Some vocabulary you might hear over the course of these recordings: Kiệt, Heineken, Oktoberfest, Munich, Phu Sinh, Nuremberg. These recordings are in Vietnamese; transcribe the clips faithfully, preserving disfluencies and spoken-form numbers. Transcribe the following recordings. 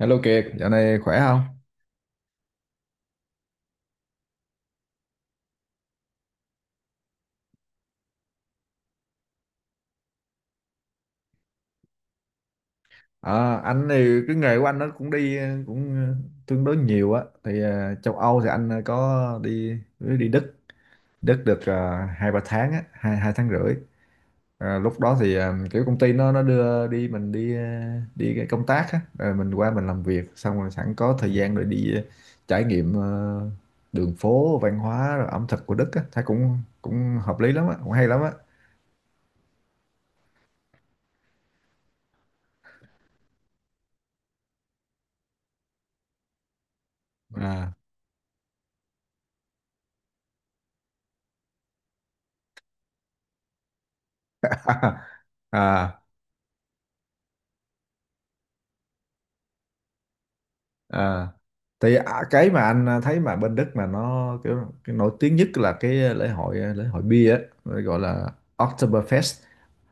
Hello Kiệt, dạo này khỏe không? À, anh thì cái nghề của anh nó cũng đi ờ, cũng ờ, tương đối nhiều á. Thì ờ, châu Âu thì anh ờ, có đi đi Đức, Đức được ờ, hai ba tháng á, hai hai tháng rưỡi. Ờ, lúc đó thì ờ, kiểu công ty nó nó đưa đi mình đi ờ, đi cái công tác á, rồi mình qua mình làm việc, xong rồi sẵn có thời gian rồi đi ờ, trải nghiệm ờ, đường phố, văn hóa, rồi ẩm thực của Đức á, thấy cũng cũng hợp lý lắm á, cũng hay lắm á. À. à à thì à, cái mà anh à, thấy mà bên Đức mà nó kiểu cái nổi tiếng nhất là cái lễ hội à, lễ hội bia á, gọi là Oktoberfest.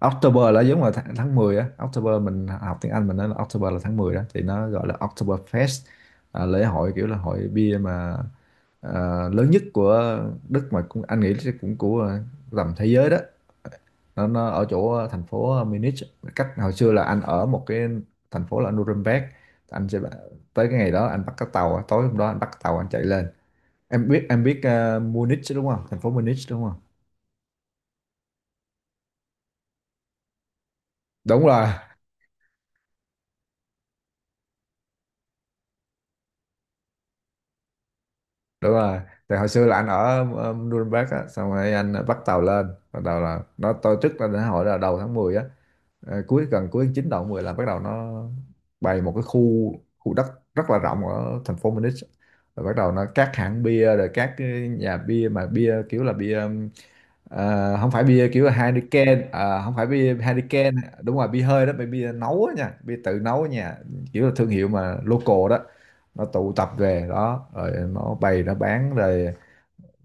October là giống là tháng, tháng mười á, October mình học tiếng Anh mình nói là October là tháng mười đó thì nó gọi là Oktoberfest. À, lễ hội kiểu là hội bia mà à, lớn nhất của Đức mà cũng anh nghĩ chắc cũng của à, tầm thế giới đó. Nó, nó ở chỗ ờ, thành phố ờ, Munich, cách hồi xưa là anh ở một cái thành phố là Nuremberg. Anh sẽ tới cái ngày đó anh bắt cái tàu, tối hôm đó anh bắt cái tàu anh chạy lên. Em biết em biết ờ, Munich đúng không, thành phố Munich đúng không? Đúng rồi, đúng rồi. Thì hồi xưa là anh ở ờ, Nuremberg á, xong rồi anh bắt tàu lên, bắt đầu là nó tôi trước là đến hồi là đầu tháng mười á. Ờ, cuối gần cuối tháng chín đầu tháng mười là bắt đầu nó bày một cái khu, khu đất rất là rộng ở thành phố Munich. Rồi bắt đầu nó các hãng bia rồi các cái nhà bia mà bia kiểu là bia ờ, không phải bia kiểu là Heineken, ờ, không phải bia Heineken. Đúng rồi, bia hơi đó, bia, bia nấu á nha, bia tự nấu ở nhà, kiểu là thương hiệu mà local đó. Nó tụ tập về đó rồi nó bày nó bán rồi,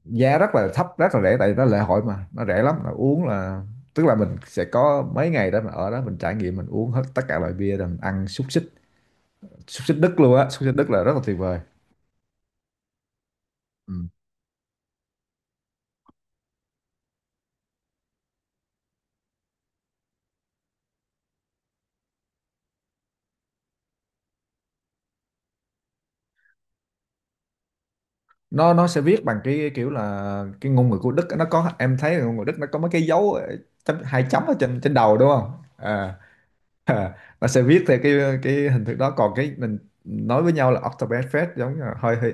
giá rất là thấp, rất là rẻ, tại vì nó lễ hội mà nó rẻ lắm là uống là tức là mình sẽ có mấy ngày đó mà ở đó mình trải nghiệm, mình uống hết tất cả loại bia, rồi mình ăn xúc xích, xúc xích Đức luôn á, xúc xích Đức là rất là tuyệt vời. Ừ. nó nó sẽ viết bằng cái kiểu là cái ngôn ngữ của Đức á, nó có, em thấy là ngôn ngữ Đức nó có mấy cái dấu ờ, chấm, hai chấm ở trên trên đầu đúng không? à, à, nó sẽ viết theo cái cái hình thức đó, còn cái mình nói với nhau là Oktoberfest giống như là hơi hơi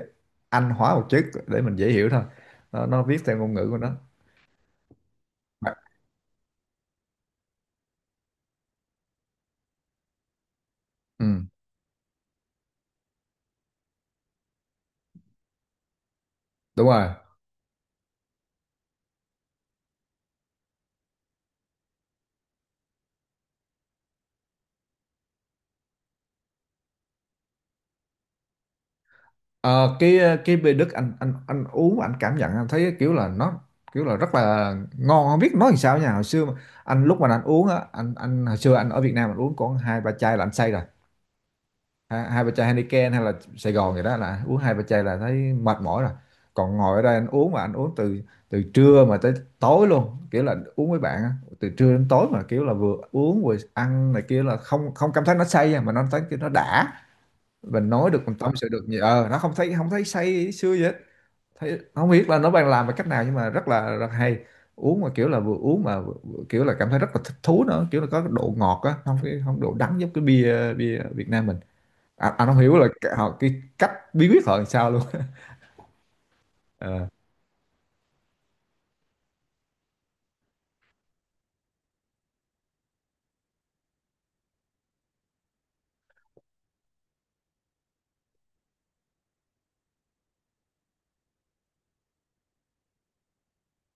Anh hóa một chút để mình dễ hiểu thôi. Nó, nó viết theo ngôn ngữ của nó. Ừ. Đúng rồi. Ờ, cái ờ, cái bia Đức anh anh anh uống, anh cảm nhận, anh thấy kiểu là nó kiểu là rất là ngon, không biết nói làm sao nha. Hồi xưa mà, anh lúc mà anh uống á, anh anh hồi xưa anh ở Việt Nam anh uống còn hai ba chai là anh say rồi. Hai, hai ba chai Heineken hay là Sài Gòn gì đó là uống hai ba chai là thấy mệt mỏi rồi. Còn ngồi ở đây anh uống mà anh uống từ từ trưa mà tới tối luôn, kiểu là uống với bạn á, từ trưa đến tối mà kiểu là vừa uống vừa ăn này kia là không không cảm thấy nó say nha, mà nó thấy nó đã, mình nói được mình tâm sự được nhiều, ờ nó không thấy không thấy say sưa gì hết. Thấy không biết là nó bạn làm bằng cách nào nhưng mà rất là rất hay. Uống mà kiểu là vừa uống mà vừa, vừa kiểu là cảm thấy rất là thích thú nữa, kiểu là có cái độ ngọt á, không cái không độ đắng giống cái bia bia Việt Nam mình. À, anh không hiểu là cái- họ cái cách bí quyết họ làm sao luôn. Ờ.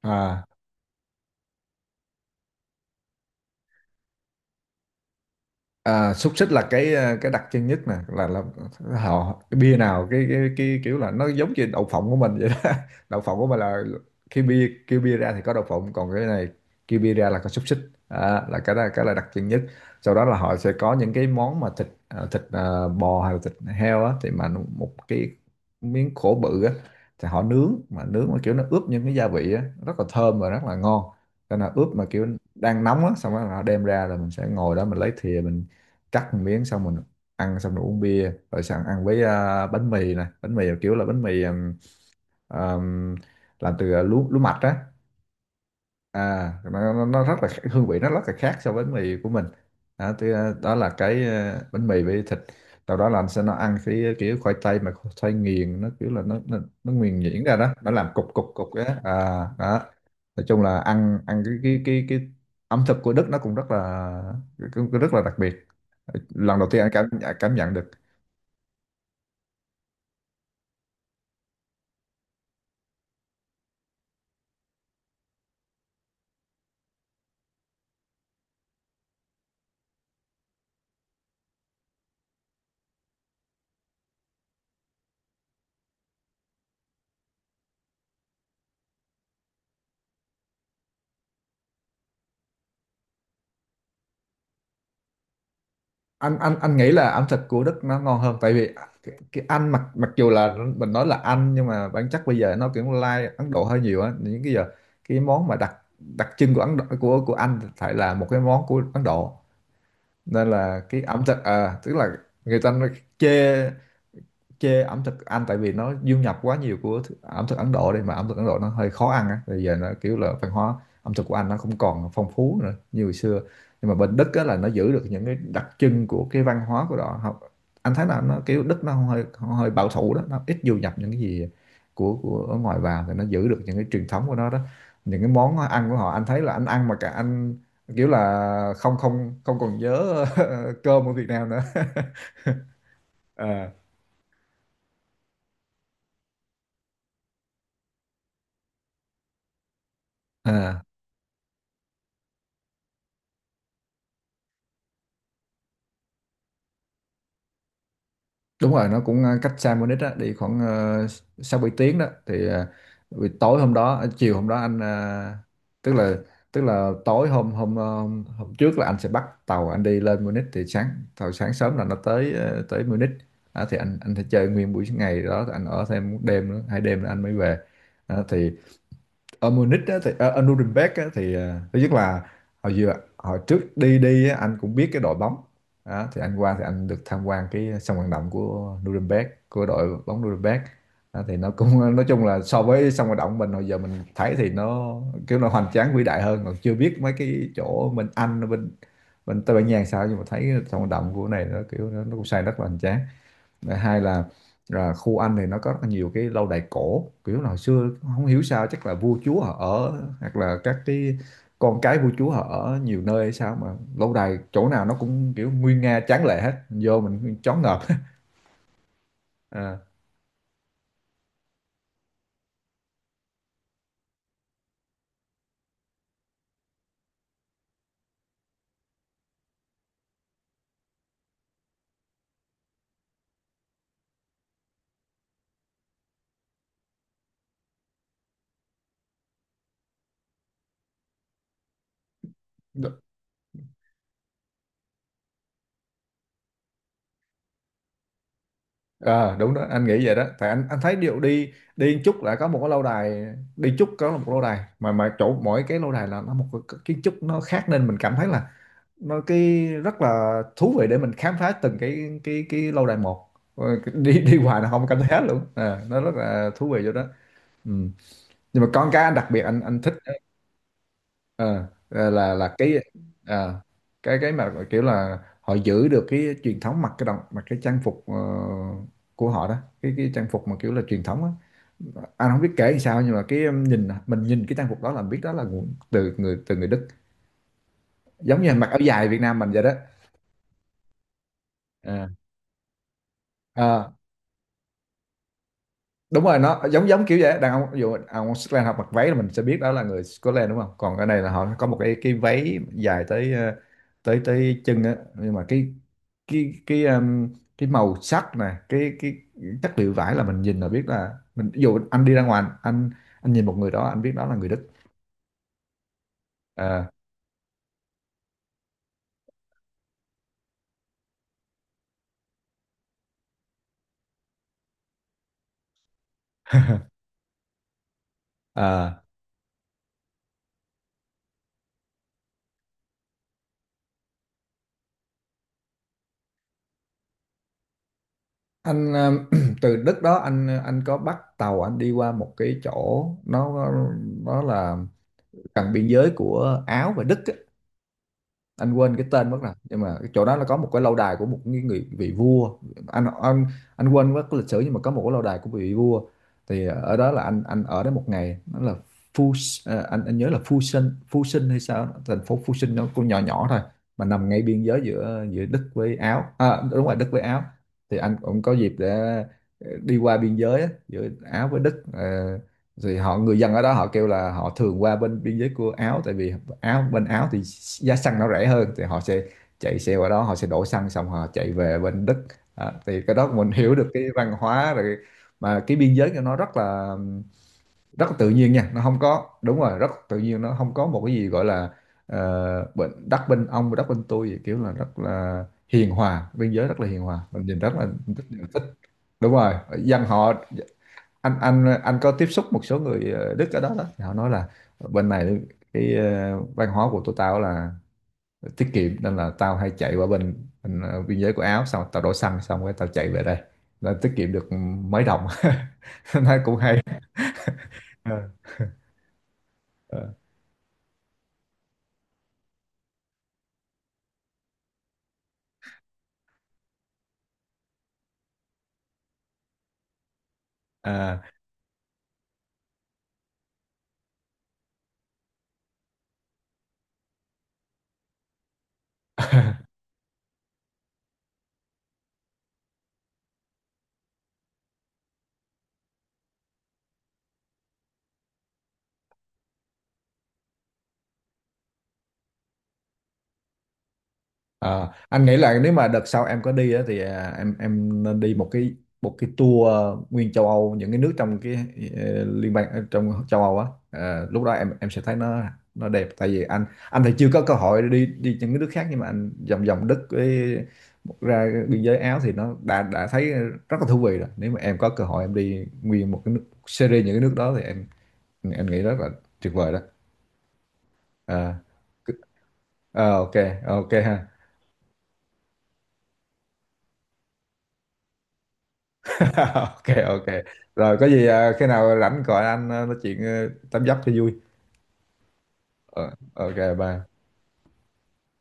À. À, xúc xích là cái ờ, cái đặc trưng nhất nè là là họ cái bia nào cái, cái cái kiểu là nó giống như đậu phộng của mình vậy đó. Đậu phộng của mình là khi bia kêu bia ra thì có đậu phộng, còn cái này kêu bia ra là có xúc xích. À, là cái đó cái là đặc trưng nhất. Sau đó là họ sẽ có những cái món mà thịt ờ, thịt ờ, bò hay là thịt heo á, thì mà nó- một cái miếng khổ bự á, thì họ nướng mà nướng mà kiểu nó ướp những cái gia vị á rất là thơm và rất là ngon, cho nên là ướp mà kiểu đang nóng á, xong rồi họ đem ra là mình sẽ ngồi đó mình lấy thìa, mình cắt một miếng xong mình ăn, xong rồi uống bia, rồi xong ăn với à, bánh mì nè, bánh mì kiểu là bánh mì ừm, ừm, làm từ à, lúa lúa mạch á. à nó, nó nó rất là khác- hương vị nó rất là khác so với bánh mì của mình. Đó, thì, à, đó là cái à, bánh mì với thịt. Sau đó là anh sẽ nó ăn cái kiểu khoai tây mà khoai tây nghiền, nó kiểu là nó nó, nó nghiền nhuyễn ra đó, nó làm cục cục cục á. À, đó, nói chung là ăn ăn cái cái cái cái ẩm thực của Đức nó cũng rất là, cũng cũng rất là đặc biệt, lần đầu tiên anh cảm cảm nhận được. Anh anh anh nghĩ là ẩm thực của Đức nó ngon hơn tại vì cái, cái Anh, mặc mặc dù là mình nói là Anh, nhưng mà bản chất bây giờ nó kiểu lai Ấn Độ hơi nhiều á, những cái giờ cái món mà đặc đặc trưng của Ấn Độ, của của Anh phải là một cái món của Ấn Độ, nên là cái ẩm thực à, tức là người ta nó chê chê ẩm thực Anh tại vì nó du nhập quá nhiều của thức- ẩm thực Ấn Độ đây, mà ẩm thực Ấn Độ nó hơi khó ăn á, bây giờ nó kiểu là văn hóa ẩm thực của Anh nó không còn phong phú nữa như hồi xưa. Nhưng mà bên Đức á, là nó giữ được những cái đặc trưng của cái văn hóa của họ Họ- Anh thấy là nó kiểu Đức nó hơi hơi bảo thủ đó, nó ít du nhập những cái gì của của ở ngoài vào, thì nó giữ được những cái truyền thống của nó đó. Những cái món ăn của họ anh thấy là anh ăn mà cả anh kiểu là không không không còn nhớ cơm ở Việt Nam nữa. À. Đúng rồi nó cũng ờ, cách xa Munich á, đi khoảng uh, sáu bảy tiếng đó, thì ờ, buổi tối hôm đó, ờ, chiều hôm đó anh ờ, tức là tức là tối hôm hôm ờ, hôm trước là anh sẽ bắt tàu anh đi lên Munich, thì sáng, tàu sáng sớm là nó tới ờ, tới Munich. Đó, thì anh anh sẽ chơi nguyên buổi ngày đó, anh ở thêm một đêm nữa, hai đêm nữa anh mới về. Đó, thì ở Munich á, thì ở, ở Nuremberg á, thì ờ, thứ nhất là hồi vừa hồi trước đi đi á, anh cũng biết cái đội bóng. Đó, thì anh qua thì anh được tham quan cái sân vận động của Nuremberg của đội bóng Nuremberg. Đó, thì nó cũng nói chung là so với sân vận động mình hồi giờ mình thấy thì nó kiểu nó hoành tráng vĩ đại hơn, còn chưa biết mấy cái chỗ bên Anh bên, bên Tây Ban Nha làm sao, nhưng mà thấy sân vận động của này nó kiểu nó, nó cũng xây rất là hoành tráng. Và hai là, là khu Anh thì nó có rất là nhiều cái lâu đài cổ, kiểu là hồi xưa không hiểu sao chắc là vua chúa họ ở, hoặc là các cái con cái vua chúa họ ở nhiều nơi hay sao mà lâu đài chỗ nào nó cũng kiểu nguy nga tráng lệ hết, mình vô mình choáng ngợp. à, đ- à, đúng đó anh nghĩ vậy đó, tại anh anh thấy điệu đi đi một chút là có một cái lâu đài, đi chút có một lâu đài, mà mà chỗ mỗi cái lâu đài là nó một cái kiến trúc nó khác, nên mình cảm thấy là nó cái rất là thú vị để mình khám phá từng cái cái cái lâu đài một. Ờ, đi đi hoài là không cảm thấy hết luôn à, nó rất là thú vị chỗ đó. Ừ. Nhưng mà con cá anh đặc biệt anh anh thích, ờ, ờ, là là cái, à, cái cái mà kiểu là họ giữ được cái truyền thống mặc cái đồng mặc cái trang phục, ờ, của họ đó. Cái cái trang phục mà kiểu là truyền thống á. Anh không biết kể làm sao nhưng mà cái, um, nhìn mình nhìn cái trang phục đó là biết đó là nguồn- từ người từ người Đức, giống như anh mặc áo dài Việt Nam mình vậy đó. À, đúng rồi, nó giống giống kiểu vậy á. Đàn ông ví dụ ông Scotland họ mặc váy là mình sẽ biết đó là người Scotland đúng không, còn ở đây là họ có một cái cái váy dài tới, ờ, tới tới chân á. Nhưng mà cái cái cái um, cái màu sắc nè, cái cái chất liệu vải là mình nhìn là biết là, mình ví dụ anh đi ra ngoài anh, anh nhìn một người đó anh biết đó là người Đức. Ờ, ờ. Anh, um, từ Đức đó anh anh có bắt tàu anh đi qua một cái chỗ nó nó là gần biên giới của Áo và Đức. Anh quên cái tên mất rồi nhưng mà cái chỗ đó là có một cái lâu đài của một cái người vị vua. Anh anh anh quên mất cái lịch sử nhưng mà có một cái lâu đài của vị vua. Thì ở đó là anh anh ở đó một ngày, nó là Phu, à, anh anh nhớ là Phu Sinh, Phu Sinh hay sao đó. Thành phố Phu Sinh nó cũng nhỏ nhỏ thôi mà nằm ngay biên giới giữa giữa Đức với Áo, à, đúng rồi, Đức với Áo. Thì anh cũng có dịp để đi qua biên giới á, giữa Áo với Đức. Ờ, rồi họ, người dân ở đó họ kêu là họ thường qua bên biên giới của Áo, tại vì Áo, bên Áo thì giá xăng nó rẻ hơn, thì họ sẽ chạy xe qua đó, họ sẽ đổ xăng xong họ chạy về bên Đức. À, thì cái đó mình hiểu được cái văn hóa rồi. Mà cái biên giới của nó rất là, rất là tự nhiên nha, nó không có, đúng rồi, rất tự nhiên, nó không có một cái gì gọi là, ờ, bên đất bên ông, đất bên tôi vậy, kiểu là rất là hiền hòa, biên giới rất là hiền hòa, mình nhìn rất là rất là thích. Đúng rồi, dân họ, anh anh anh có tiếp xúc một số người, ờ, Đức ở đó đó, thì họ nói là bên này cái, ờ, văn hóa của tụi tao là tiết kiệm, nên là tao hay chạy qua bên, bên, ờ, biên giới của Áo, xong tao đổ xăng xong rồi tao chạy về đây là tiết kiệm được mấy đồng. Nó cũng hay. Ờ, ờ. À, ờ, anh nghĩ là nếu mà đợt sau em có đi á, thì à, em em nên đi một cái, một cái tour, ờ, nguyên châu Âu, những cái nước trong cái, ờ, liên bang, ờ, trong châu Âu á. Ờ, lúc đó em em sẽ thấy nó nó đẹp. Tại vì anh anh thì chưa có cơ hội đi đi những cái nước khác, nhưng mà anh vòng vòng Đức với ra biên giới Áo thì nó đã đã thấy rất là thú vị rồi. Nếu mà em có cơ hội em đi nguyên một cái nước series những cái nước đó thì em em nghĩ rất là tuyệt vời đó. Ờ, cứ- ờ, ok, ok ha. Ok, ok, rồi có gì à, khi nào rảnh gọi anh à, nói chuyện à, tám dấp cho vui. Ờ, ok, bye.